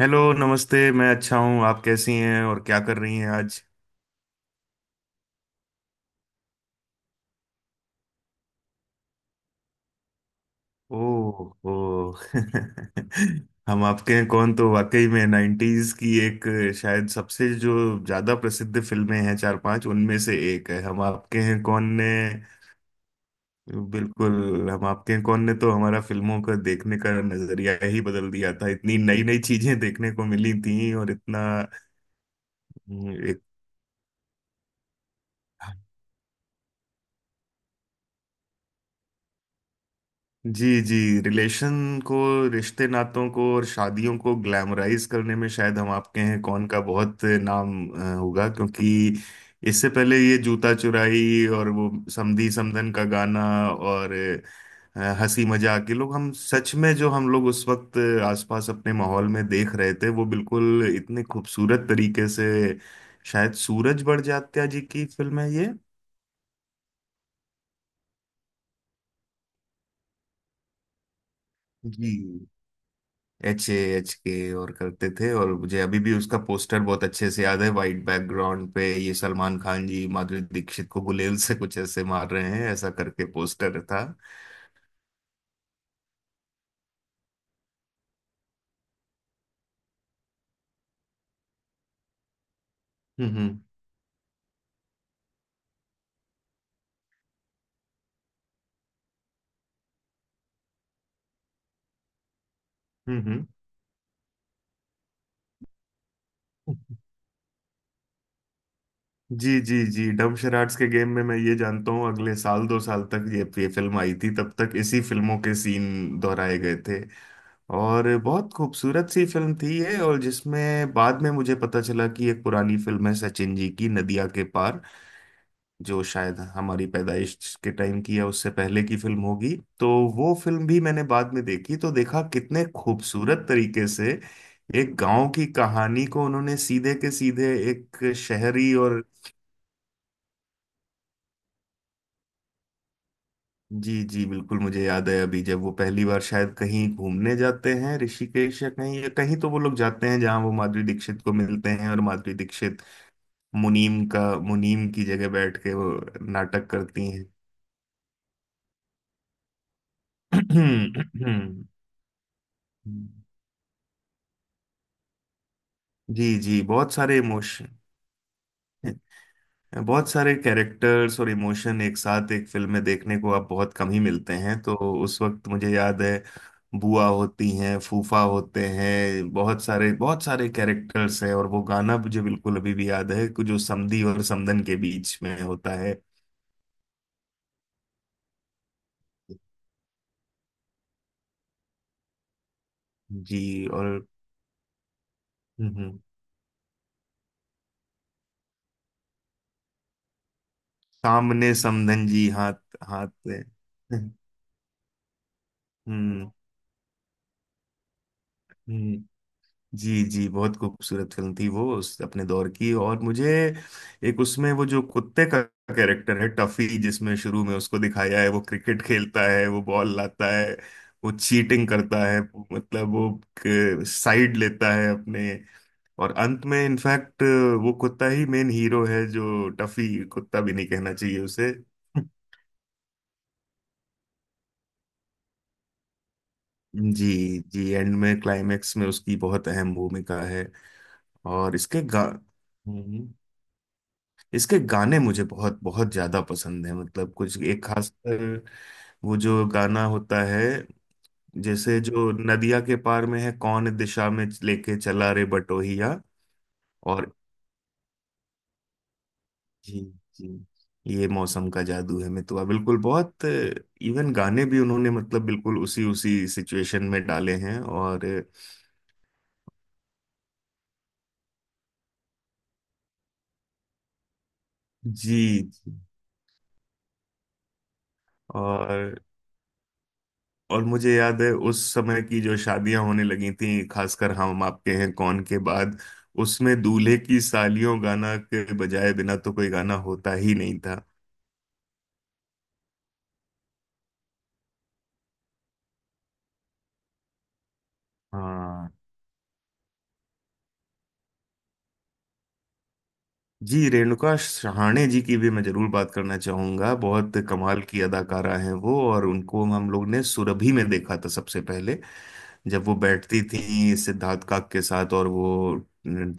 Hello, नमस्ते। मैं अच्छा हूँ। आप कैसी हैं और क्या कर रही हैं आज? ओह, ओ। हम आपके हैं कौन तो वाकई में 90s की एक, शायद सबसे जो ज्यादा प्रसिद्ध फिल्में हैं चार पांच, उनमें से एक है हम आपके हैं कौन ने। बिल्कुल। हम आपके हैं कौन ने तो हमारा फिल्मों का देखने का नजरिया ही बदल दिया था। इतनी नई नई चीजें देखने को मिली थी और इतना। एक। जी, जी। रिलेशन को रिश्ते नातों को और शादियों को ग्लैमराइज करने में शायद हम आपके हैं कौन का बहुत नाम होगा, क्योंकि इससे पहले ये जूता चुराई और वो समधी समधन का गाना, और हंसी मजाक ये लोग, हम सच में जो हम लोग उस वक्त आसपास अपने माहौल में देख रहे थे वो बिल्कुल इतने खूबसूरत तरीके से, शायद सूरज बड़जात्या जी की फिल्म है ये। जी। HAHK और करते थे, और मुझे अभी भी उसका पोस्टर बहुत अच्छे से याद है। वाइट बैकग्राउंड पे ये सलमान खान जी माधुरी दीक्षित को गुलेल से कुछ ऐसे मार रहे हैं ऐसा करके पोस्टर था। हम्म, हम्म, हम्म, हम्म। जी, जी, जी। डम शराड्स के गेम में मैं ये जानता हूँ अगले साल 2 साल तक ये फिल्म आई थी, तब तक इसी फिल्मों के सीन दोहराए गए थे। और बहुत खूबसूरत सी फिल्म थी ये, और जिसमें बाद में मुझे पता चला कि एक पुरानी फिल्म है सचिन जी की, नदिया के पार, जो शायद हमारी पैदाइश के टाइम की या उससे पहले की फिल्म होगी। तो वो फिल्म भी मैंने बाद में देखी तो देखा कितने खूबसूरत तरीके से एक गांव की कहानी को उन्होंने सीधे के सीधे एक शहरी और। जी, जी, बिल्कुल। मुझे याद है अभी जब वो पहली बार शायद कहीं घूमने जाते हैं ऋषिकेश या कहीं या कहीं, तो वो लोग जाते हैं जहां वो माधुरी दीक्षित को मिलते हैं, और माधुरी दीक्षित मुनीम का मुनीम की जगह बैठ के वो नाटक करती हैं। जी, जी। बहुत सारे इमोशन, बहुत सारे कैरेक्टर्स और इमोशन एक साथ एक फिल्म में देखने को अब बहुत कम ही मिलते हैं। तो उस वक्त मुझे याद है बुआ होती हैं, फूफा होते हैं, बहुत सारे कैरेक्टर्स हैं, और वो गाना मुझे बिल्कुल अभी भी याद है कि जो समधी और समधन के बीच में होता है। जी। और हम्म, हम्म, सामने समधन जी हाथ, हाथ में हम्म हम्म जी, जी। बहुत खूबसूरत फिल्म थी वो, उस अपने दौर की। और मुझे एक उसमें वो जो कुत्ते का कैरेक्टर है टफी, जिसमें शुरू में उसको दिखाया है वो क्रिकेट खेलता है, वो बॉल लाता है, वो चीटिंग करता है, मतलब वो साइड लेता है अपने। और अंत में इनफैक्ट वो कुत्ता ही मेन हीरो है, जो टफी कुत्ता भी नहीं कहना चाहिए उसे। जी, जी। एंड में क्लाइमेक्स में उसकी बहुत अहम भूमिका है। और हम्म। इसके गाने मुझे बहुत बहुत ज्यादा पसंद है, मतलब कुछ एक खास वो जो गाना होता है, जैसे जो नदिया के पार में है, कौन दिशा में लेके चला रे बटोहिया। और जी, जी। ये मौसम का जादू है मितुआ, बिल्कुल। बहुत इवन गाने भी उन्होंने मतलब बिल्कुल उसी उसी सिचुएशन में डाले हैं। और जी, जी। और और मुझे याद है उस समय की जो शादियां होने लगी थी खासकर हम आपके हैं कौन के बाद, उसमें दूल्हे की सालियों गाना के बजाय बिना तो कोई गाना होता ही नहीं था। हाँ। जी। रेणुका सहाणे जी की भी मैं जरूर बात करना चाहूंगा, बहुत कमाल की अदाकारा हैं वो, और उनको हम लोग ने सुरभि में देखा था सबसे पहले, जब वो बैठती थी सिद्धार्थ काक के साथ और वो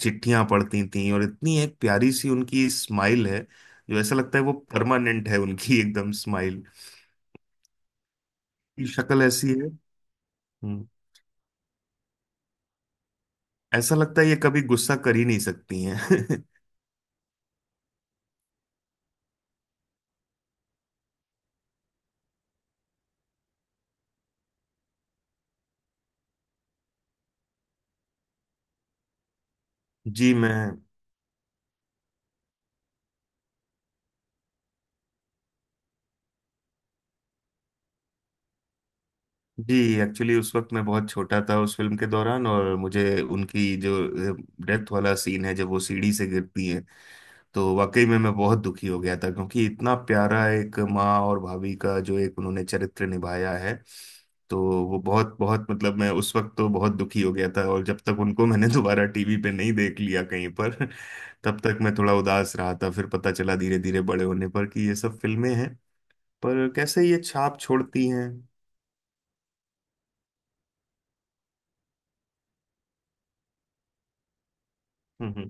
चिट्ठियां पढ़ती थी, और इतनी एक प्यारी सी उनकी स्माइल है जो ऐसा लगता है वो परमानेंट है उनकी, एकदम स्माइल की शक्ल ऐसी है। हम्म, ऐसा लगता है ये कभी गुस्सा कर ही नहीं सकती हैं। जी, मैं, जी। एक्चुअली उस वक्त मैं बहुत छोटा था उस फिल्म के दौरान, और मुझे उनकी जो डेथ वाला सीन है जब वो सीढ़ी से गिरती, तो वाकई में मैं बहुत दुखी हो गया था, क्योंकि इतना प्यारा एक माँ और भाभी का जो एक उन्होंने चरित्र निभाया है, तो वो बहुत बहुत मतलब मैं उस वक्त तो बहुत दुखी हो गया था, और जब तक उनको मैंने दोबारा टीवी पे नहीं देख लिया कहीं पर, तब तक मैं थोड़ा उदास रहा था। फिर पता चला धीरे धीरे बड़े होने पर कि ये सब फिल्में हैं, पर कैसे ये छाप छोड़ती हैं। हम्म, हम्म,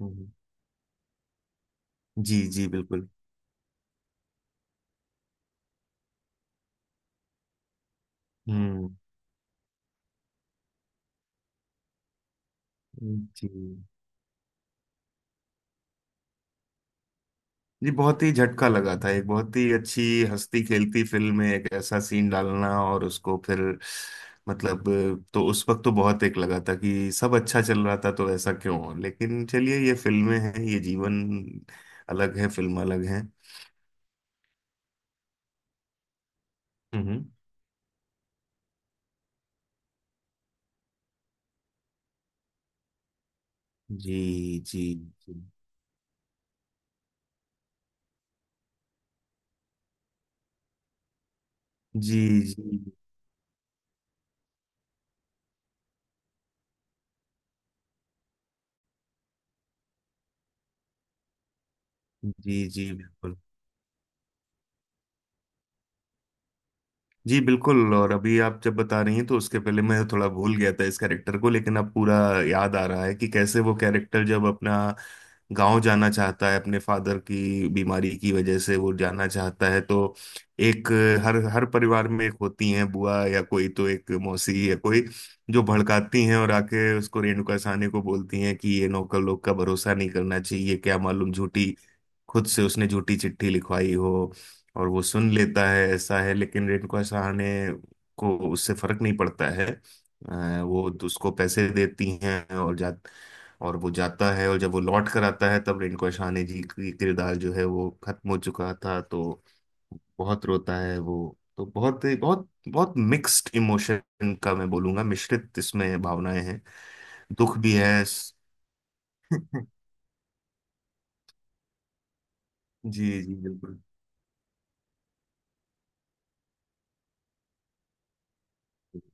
हम्म। जी, जी, बिल्कुल। हम्म। जी, जी। बहुत ही झटका लगा था, एक बहुत ही अच्छी हंसती खेलती फिल्म में एक ऐसा सीन डालना और उसको फिर, मतलब। तो उस वक्त तो बहुत एक लगा था कि सब अच्छा चल रहा था तो ऐसा क्यों हो, लेकिन चलिए ये फिल्में हैं। ये जीवन अलग है, फिल्म अलग है। हम्म। जी, जी, जी, जी, जी, जी, जी, बिल्कुल। जी, बिल्कुल। और अभी आप जब बता रही हैं तो उसके पहले मैं थोड़ा भूल गया था इस कैरेक्टर को, लेकिन अब पूरा याद आ रहा है कि कैसे वो कैरेक्टर जब अपना गांव जाना चाहता है, अपने फादर की बीमारी की वजह से वो जाना चाहता है, तो एक हर हर परिवार में एक होती हैं बुआ या कोई, तो एक मौसी या कोई जो भड़काती हैं, और आके उसको रेणुका साहनी को बोलती हैं कि ये नौकर लोग का भरोसा नहीं करना चाहिए, क्या मालूम झूठी, खुद से उसने झूठी चिट्ठी लिखवाई हो। और वो सुन लेता है ऐसा है, लेकिन रिंकू सहाने को उससे फर्क नहीं पड़ता है। वो तो उसको पैसे देती हैं, और वो जाता है, और जब वो लौट कर आता है तब रिंकू सहाने जी की किरदार जो है वो खत्म हो चुका था, तो बहुत रोता है वो। तो बहुत बहुत बहुत मिक्स्ड इमोशन का, मैं बोलूंगा मिश्रित इसमें भावनाएं हैं, दुख भी है। जी, जी, बिल्कुल।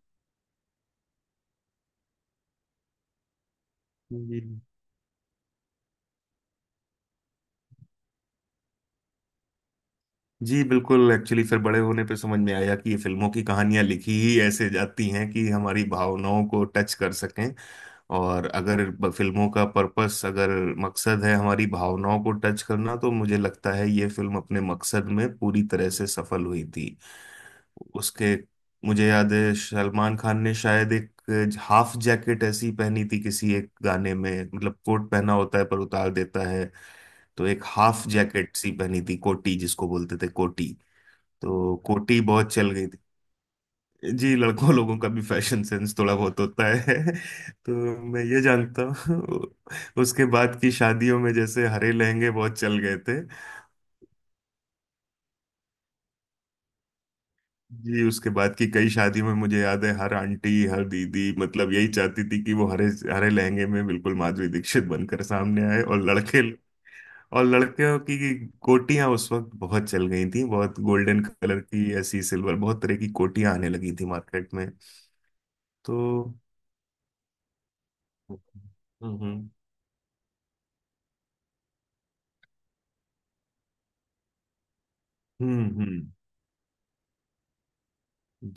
जी, बिल्कुल। एक्चुअली फिर बड़े होने पे समझ में आया कि ये फिल्मों की कहानियां लिखी ही ऐसे जाती हैं कि हमारी भावनाओं को टच कर सकें, और अगर फिल्मों का पर्पस, अगर मकसद है हमारी भावनाओं को टच करना, तो मुझे लगता है ये फिल्म अपने मकसद में पूरी तरह से सफल हुई थी। उसके, मुझे याद है सलमान खान ने शायद एक हाफ जैकेट ऐसी पहनी थी किसी एक गाने में, मतलब कोट पहना होता है पर उतार देता है, तो एक हाफ जैकेट सी पहनी थी, कोटी जिसको बोलते थे कोटी, तो कोटी बहुत चल गई थी। जी, लड़कों लोगों का भी फैशन सेंस थोड़ा बहुत होता है। तो मैं ये जानता हूँ उसके बाद की शादियों में जैसे हरे लहंगे बहुत चल गए थे। जी, उसके बाद की कई शादियों में मुझे याद है हर आंटी हर दीदी मतलब यही चाहती थी कि वो हरे हरे लहंगे में बिल्कुल माधुरी दीक्षित बनकर सामने आए, और लड़के और लड़कियों की कोटियां उस वक्त बहुत चल गई थी, बहुत गोल्डन कलर की ऐसी सिल्वर बहुत तरह की कोटियां आने लगी थी मार्केट में। तो हम्म, हम्म, हम्म,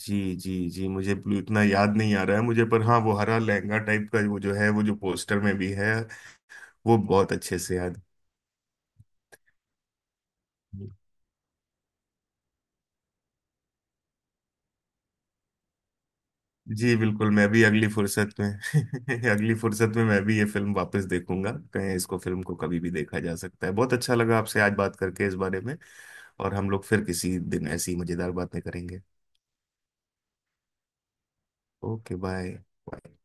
जी, जी, जी। मुझे ब्लू इतना याद नहीं आ रहा है मुझे, पर हाँ, वो हरा लहंगा टाइप का वो जो है वो जो पोस्टर में भी है वो बहुत अच्छे से याद है। जी, बिल्कुल, मैं भी अगली फुर्सत में अगली फुर्सत में मैं भी ये फिल्म वापस देखूंगा। कहीं इसको, फिल्म को कभी भी देखा जा सकता है। बहुत अच्छा लगा आपसे आज बात करके इस बारे में, और हम लोग फिर किसी दिन ऐसी मजेदार बातें करेंगे। Okay, bye. बाय।